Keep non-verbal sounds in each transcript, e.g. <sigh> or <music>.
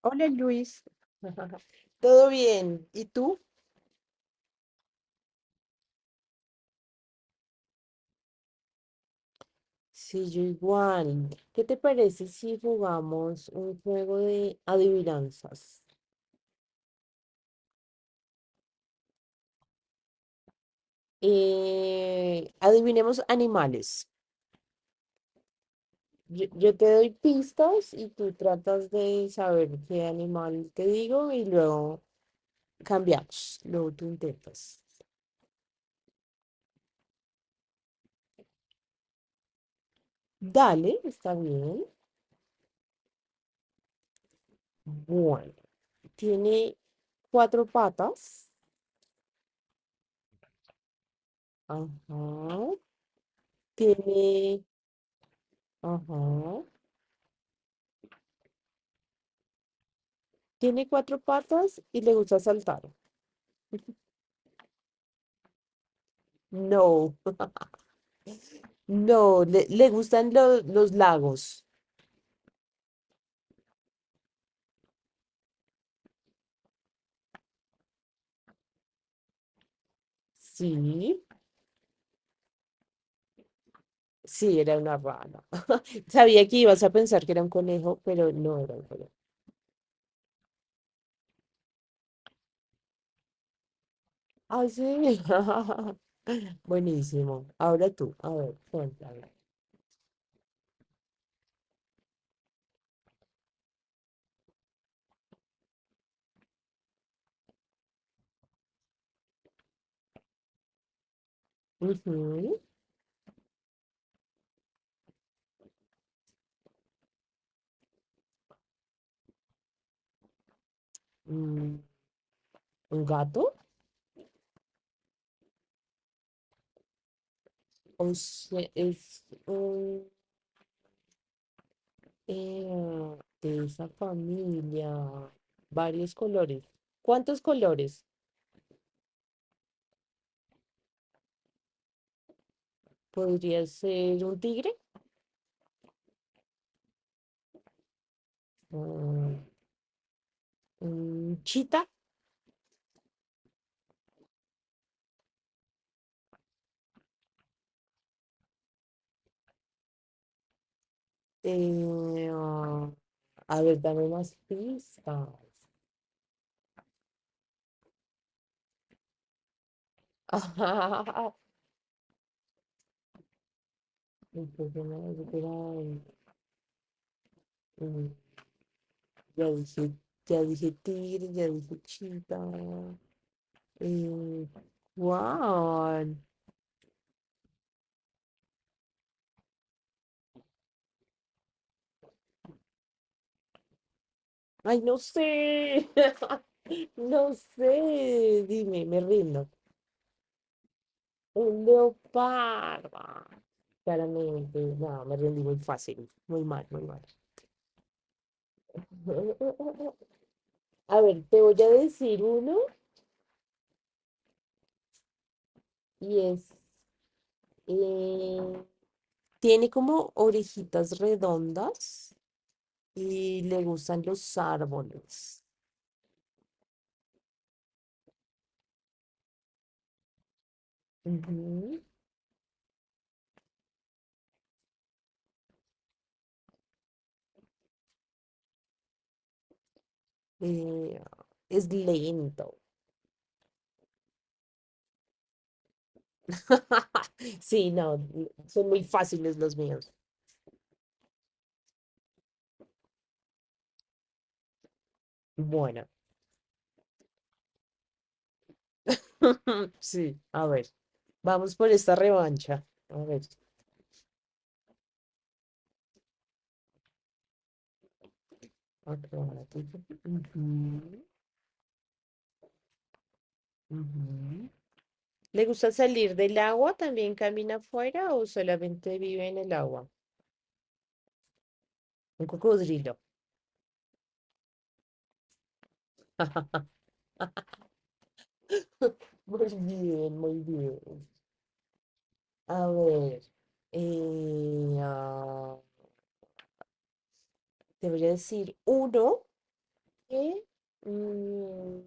Hola Luis, <laughs> todo bien. ¿Y tú? Sí, yo igual. ¿Qué te parece si jugamos un juego de adivinanzas? Adivinemos animales. Yo te doy pistas y tú tratas de saber qué animal te digo y luego cambiamos. Luego tú intentas. Dale, está bien. Bueno, tiene cuatro patas. Ajá. Tiene, ajá. Tiene cuatro patas y le gusta saltar. No, no, le gustan los lagos. Sí, sí, era una rana. <laughs> Sabía que ibas a pensar que era un conejo, pero no era un conejo. Ay, sí. <laughs> Buenísimo. Ahora tú, a ver, cuéntame. Ujú. Mm, ¿un gato? O sea, de esa familia. Varios colores. ¿Cuántos colores? Podría ser un tigre, mm, un chita. eh, ah, a ver, dame más pistas. <laughs> Un poco más, yo creo, mm, ya dije, ya dije tigre, ya dije chita. Eh, ¿Cuál? Ay, no sé. <laughs> No sé. Dime, me rindo. Un leopardo. Claramente, no, me rendí muy fácil. Muy mal, muy mal. A ver, te voy a decir uno y es, eh, tiene como orejitas redondas y le gustan los árboles. Ujú. Eh, es lento. <laughs> Sí, no, son muy fáciles los míos. Bueno, <laughs> sí, a ver, vamos por esta revancha. A ver, otro. Ratito. Ujú, ujú. ¿Le gusta salir del agua? ¿También camina afuera o solamente vive en el agua? Un cocodrilo. <laughs> Muy bien, muy bien. A ver, eh, ah, te voy a decir uno que mm,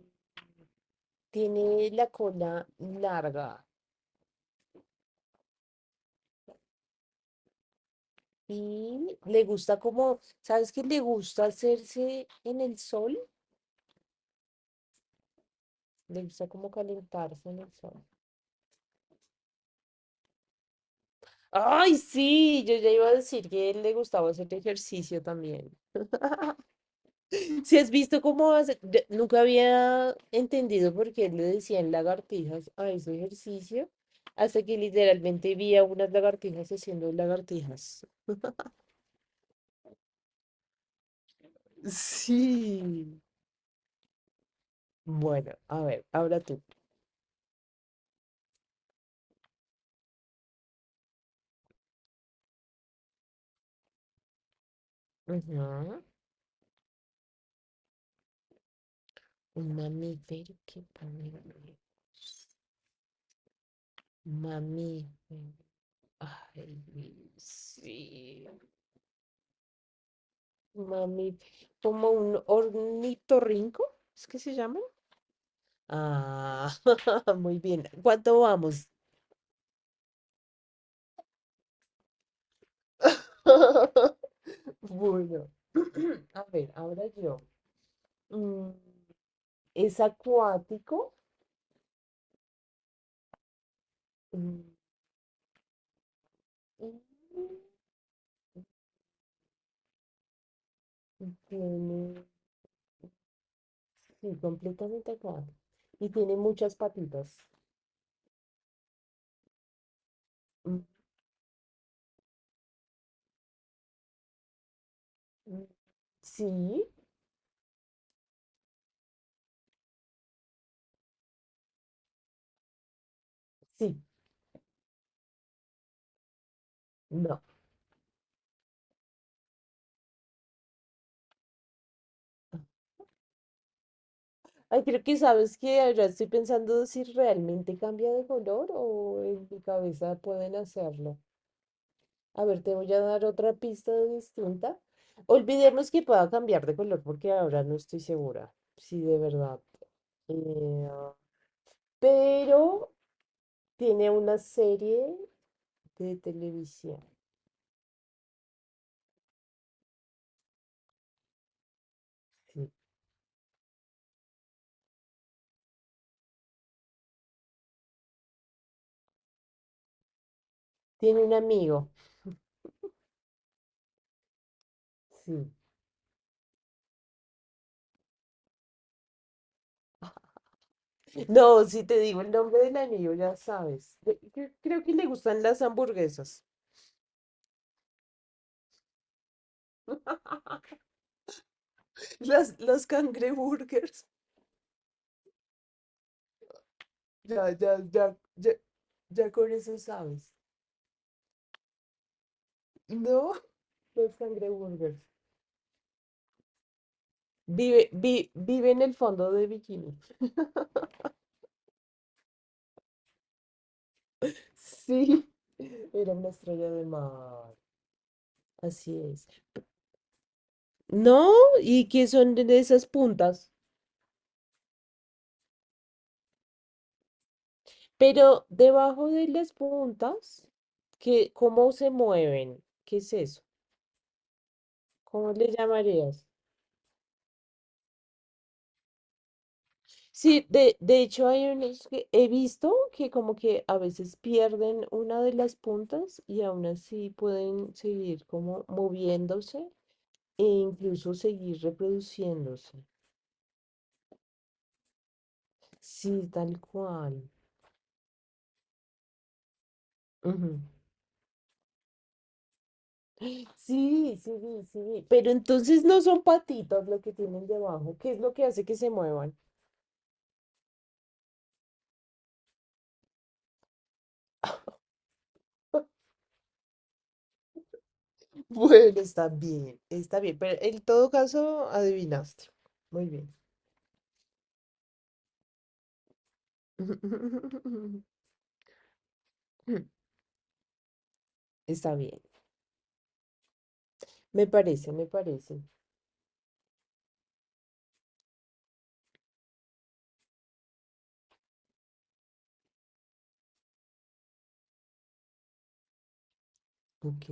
tiene la cola larga y le gusta como, ¿sabes qué? Le gusta hacerse en el sol, le gusta como calentarse en el sol. Ay, sí, yo ya iba a decir que él le gustaba hacer ejercicio también. Si has visto cómo hace, nunca había entendido por qué le decían lagartijas a ese ejercicio, hasta que literalmente vi a unas lagartijas haciendo lagartijas. Sí. Bueno, a ver, ahora tú. Ujú. Un mamífero que pone- Mamífero. Ay, sí. Mami, como un ornitorrinco, ¿es que se llama? Ah, <laughs> muy bien. ¿Cuánto vamos? <laughs> Bueno, a ver, ahora yo. Mm, es acuático. Mm, y tiene, sí, completamente acuático. Y tiene muchas patitas. Mm, mm, sí, sí, no. Ay, creo que sabes que ahora estoy pensando si realmente cambia de color o en mi cabeza pueden hacerlo. A ver, te voy a dar otra pista distinta. Olvidemos que pueda cambiar de color porque ahora no estoy segura. Sí, de verdad. Eh, pero tiene una serie de televisión. Sí. Tiene un amigo. Sí. No, si te digo el nombre del amigo, ya sabes. Yo creo que le gustan las hamburguesas. <laughs> Las cangreburgers. Ya, ya, ya, ya, ya con eso sabes. No, los cangreburgers. Vive en el fondo de bikini. <laughs> Sí, era una estrella de mar. Así es. No, ¿y qué son de esas puntas? Pero debajo de las puntas, ¿qué, cómo se mueven? ¿Qué es eso? ¿Cómo le llamarías? Sí, de hecho hay unos que he visto que como que a veces pierden una de las puntas y aún así pueden seguir como moviéndose e incluso seguir reproduciéndose. Sí, tal cual. Ujú. Sí, sí, sí, sí. Pero entonces no son patitas lo que tienen debajo. ¿Qué es lo que hace que se muevan? <laughs> Bueno, está bien, está bien. Pero en todo caso, adivinaste. Muy bien. <laughs> Está bien. Me parece, me parece. Ok.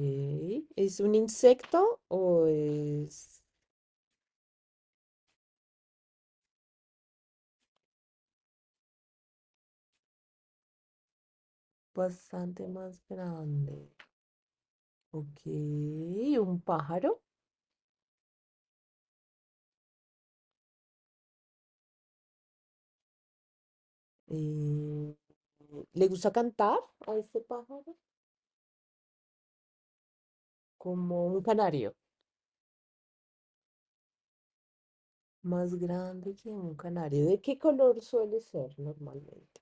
¿Es un insecto o es bastante más grande? Ok. ¿Un pájaro? Eh, Le gusta cantar a este pájaro como un canario, más grande que un canario. ¿De qué color suele ser normalmente?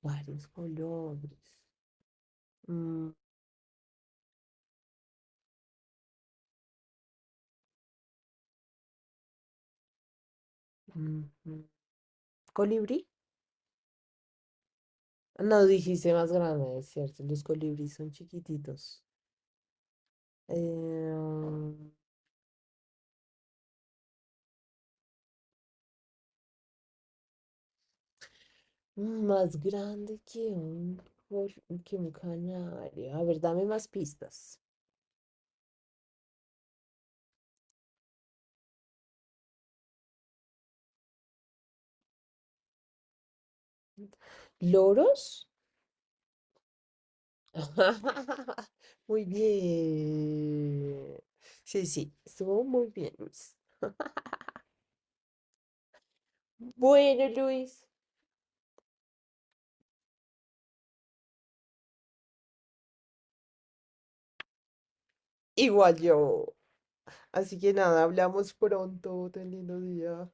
Varios colores. Mm, mm, mm. ¿Colibrí? No, dijiste más grande, es cierto. Los colibríes son chiquititos. Eh, Más grande que que un canario. A ver, dame más pistas. ¿Loros? <laughs> Muy bien. Sí, sí, estuvo muy bien, Luis. Bueno, Luis, igual yo. Así que nada, hablamos pronto. Ten lindo día.